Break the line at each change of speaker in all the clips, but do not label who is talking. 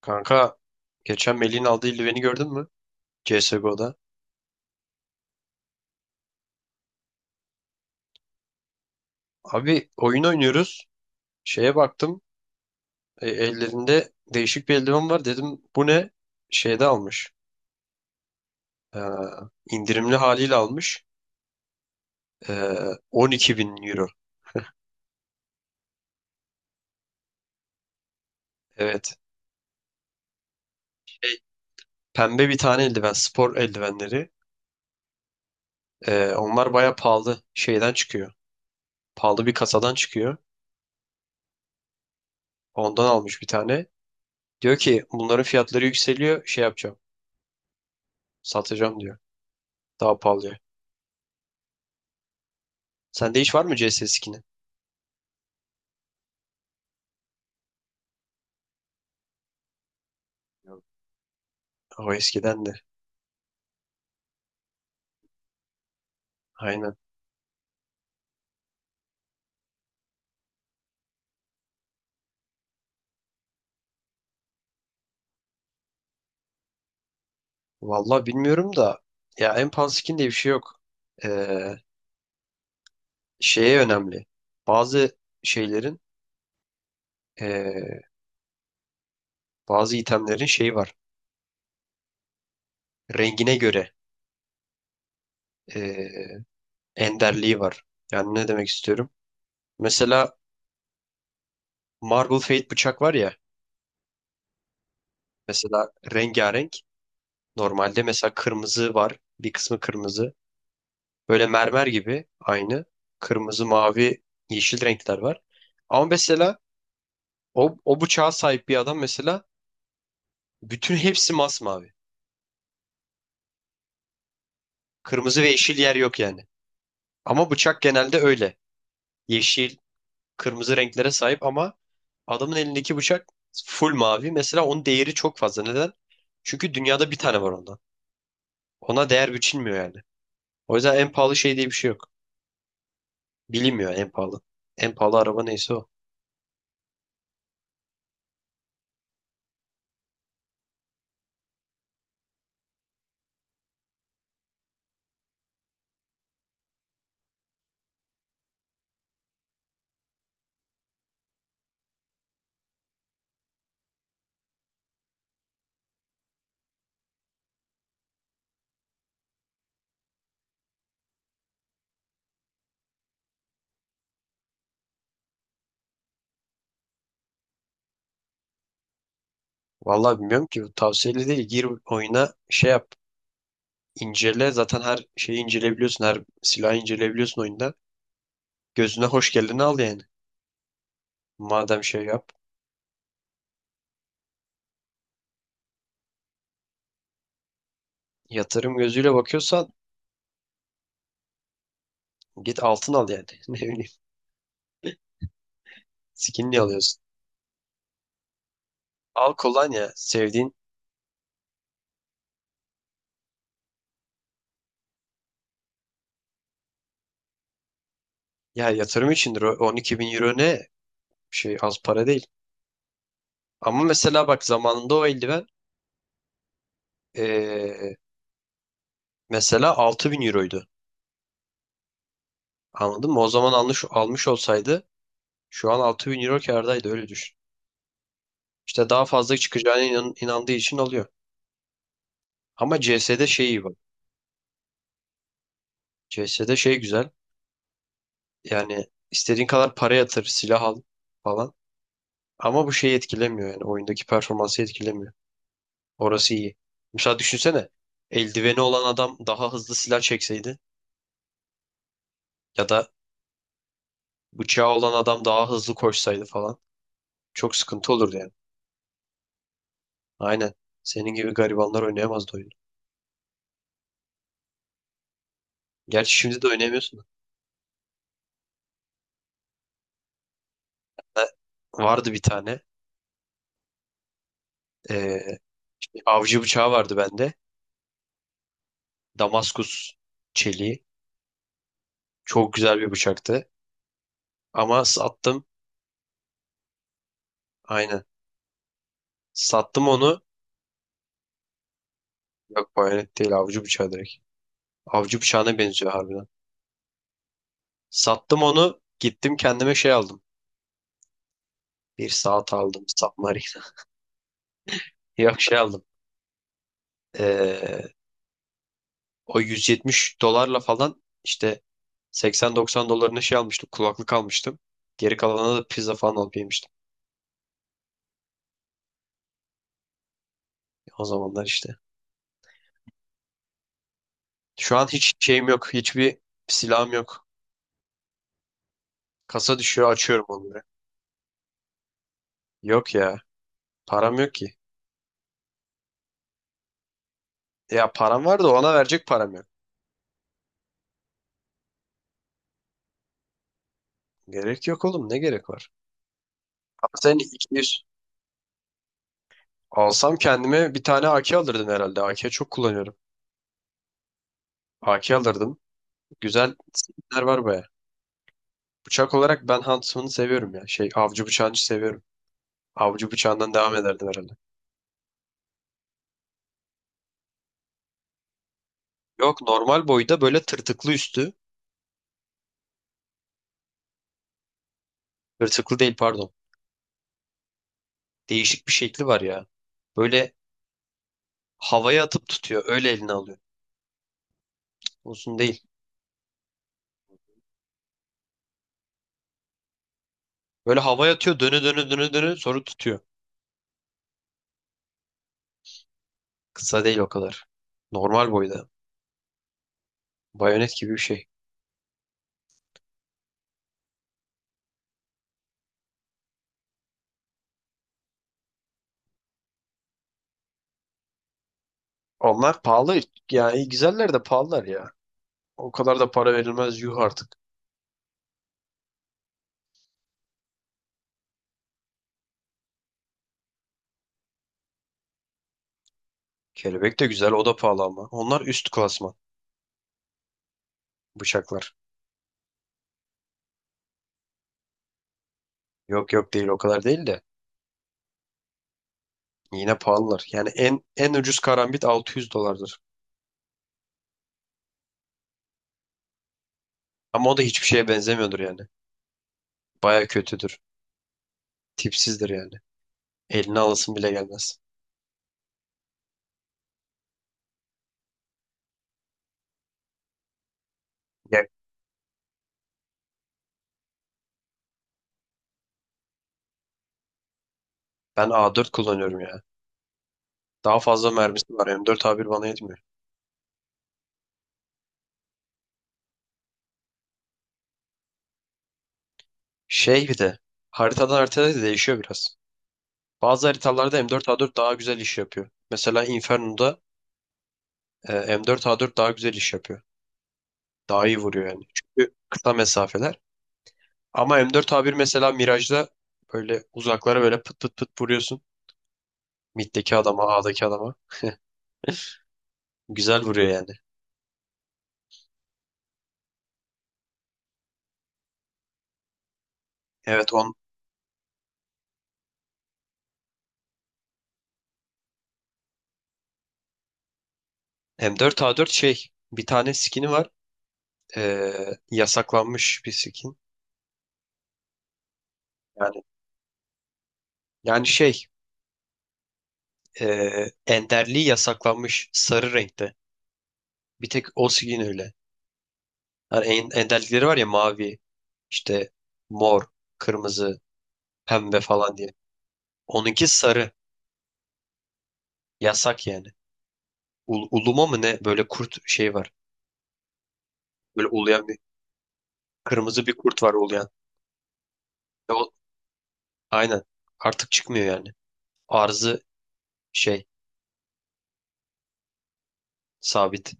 Kanka geçen Melih'in aldığı Illiven'i gördün mü? CSGO'da. Abi oyun oynuyoruz. Şeye baktım. Ellerinde değişik bir eldiven var. Dedim bu ne? Şeyde almış. Ee, indirimli haliyle almış. Ee, 12 bin euro. Evet. Şey, pembe bir tane eldiven. Spor eldivenleri. Onlar baya pahalı. Şeyden çıkıyor. Pahalı bir kasadan çıkıyor. Ondan almış bir tane. Diyor ki bunların fiyatları yükseliyor. Şey yapacağım. Satacağım diyor. Daha pahalıya. Sende hiç var mı CS skin'i? O eskiden de. Aynen. Vallahi bilmiyorum da ya en pahalı skin diye bir şey yok. Ee, şeye önemli. Bazı şeylerin ee, bazı itemlerin şeyi var. Rengine göre ee, enderliği var. Yani ne demek istiyorum? Mesela Marble Fate bıçak var ya. Mesela rengarenk. Normalde mesela kırmızı var. Bir kısmı kırmızı. Böyle mermer gibi aynı. Kırmızı, mavi, yeşil renkler var. Ama mesela O bıçağa sahip bir adam mesela bütün hepsi masmavi. Kırmızı ve yeşil yer yok yani. Ama bıçak genelde öyle. Yeşil, kırmızı renklere sahip ama adamın elindeki bıçak full mavi. Mesela onun değeri çok fazla. Neden? Çünkü dünyada bir tane var ondan. Ona değer biçilmiyor yani. O yüzden en pahalı şey diye bir şey yok. Bilinmiyor en pahalı. En pahalı araba neyse o. Vallahi bilmiyorum ki. Bu tavsiyeli değil. Gir oyuna şey yap. İncele. Zaten her şeyi inceleyebiliyorsun. Her silahı inceleyebiliyorsun oyunda. Gözüne hoş geleni al yani. Madem şey yap, yatırım gözüyle bakıyorsan git altın al yani. Ne bileyim, skinli alıyorsun. Al kolonya, sevdiğin. Ya yatırım içindir o 12 bin euro ne? Şey az para değil. Ama mesela bak zamanında o eldiven eee, mesela 6.000 euroydu. Anladın mı? O zaman almış, almış olsaydı şu an 6.000 euro kârdaydı öyle düşün. İşte daha fazla çıkacağına inandığı için alıyor. Ama CS'de şey iyi bak. CS'de şey güzel. Yani istediğin kadar para yatır, silah al falan. Ama bu şeyi etkilemiyor yani oyundaki performansı etkilemiyor. Orası iyi. Mesela düşünsene eldiveni olan adam daha hızlı silah çekseydi ya da bıçağı olan adam daha hızlı koşsaydı falan çok sıkıntı olurdu yani. Aynen. Senin gibi garibanlar oynayamazdı oyunu. Gerçi şimdi de oynayamıyorsun. Ha, vardı bir tane. Ee, avcı bıçağı vardı bende. Damaskus çeliği. Çok güzel bir bıçaktı. Ama sattım. Aynen. Sattım onu. Yok, bayonet değil, avcı bıçağı direkt. Avcı bıçağına benziyor harbiden. Sattım onu. Gittim kendime şey aldım. Bir saat aldım. Submarine. Yok şey aldım. Ee, o 170 dolarla falan işte 80-90 dolarına şey almıştım. Kulaklık almıştım. Geri kalanına da pizza falan alıp yemiştim. O zamanlar işte. Şu an hiç şeyim yok. Hiçbir silahım yok. Kasa düşüyor açıyorum onları. Yok ya. Param yok ki. Ya param var da ona verecek param yok. Gerek yok oğlum. Ne gerek var? Ama senin 200 alsam kendime bir tane AK alırdım herhalde. AK çok kullanıyorum. AK alırdım. Güzel skinler var baya. Bıçak olarak ben Huntsman'ı seviyorum ya. Şey avcı bıçağını seviyorum. Avcı bıçağından devam ederdim herhalde. Yok, normal boyda, böyle tırtıklı üstü. Tırtıklı değil, pardon. Değişik bir şekli var ya. Böyle havaya atıp tutuyor. Öyle eline alıyor. Uzun değil. Böyle havaya atıyor. Dönü dönü dönü dönü sonra tutuyor. Kısa değil o kadar. Normal boyda. Bayonet gibi bir şey. Onlar pahalı. Yani güzeller de pahalılar ya. O kadar da para verilmez yuh artık. Kelebek de güzel, o da pahalı ama. Onlar üst klasman. Bıçaklar. Yok yok, değil o kadar değil de. Yine pahalılar. Yani en en ucuz karambit 600 dolardır. Ama o da hiçbir şeye benzemiyordur yani. Baya kötüdür. Tipsizdir yani. Eline alasın bile gelmez. Ya ben A4 kullanıyorum ya. Daha fazla mermisi var. M4 A1 bana yetmiyor. Şey bir de haritadan haritaya da değişiyor biraz. Bazı haritalarda M4 A4 daha güzel iş yapıyor. Mesela Inferno'da e, M4 A4 daha güzel iş yapıyor. Daha iyi vuruyor yani. Çünkü kısa mesafeler. Ama M4A1 mesela Mirage'da böyle uzaklara böyle pıt pıt pıt vuruyorsun. Mid'deki adama, A'daki adama. Güzel vuruyor yani. Evet on M4A4 şey bir tane skin'i var. Ee, yasaklanmış bir skin. Yani yani şey enderliği yasaklanmış sarı renkte. Bir tek o skin öyle. Yani enderlikleri var ya mavi, işte mor, kırmızı, pembe falan diye. Onunki sarı. Yasak yani. Uluma mı ne? Böyle kurt şey var. Böyle uluyan bir kırmızı bir kurt var uluyan. Ve o, aynen. Artık çıkmıyor yani. Arzı şey sabit.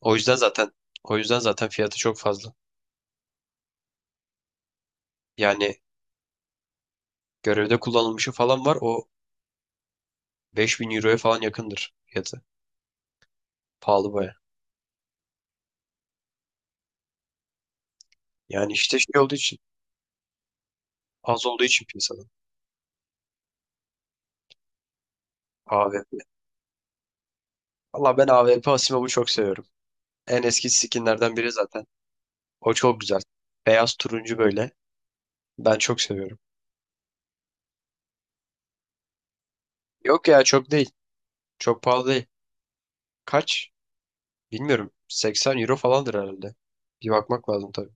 O yüzden zaten o yüzden zaten fiyatı çok fazla. Yani görevde kullanılmışı falan var. O 5.000 euroya falan yakındır fiyatı. Pahalı baya. Yani işte şey olduğu için az olduğu için piyasada. AVP. Valla ben AVP Asimov'u çok seviyorum. En eski skinlerden biri zaten. O çok güzel. Beyaz turuncu böyle. Ben çok seviyorum. Yok ya çok değil. Çok pahalı değil. Kaç? Bilmiyorum. 80 euro falandır herhalde. Bir bakmak lazım tabii.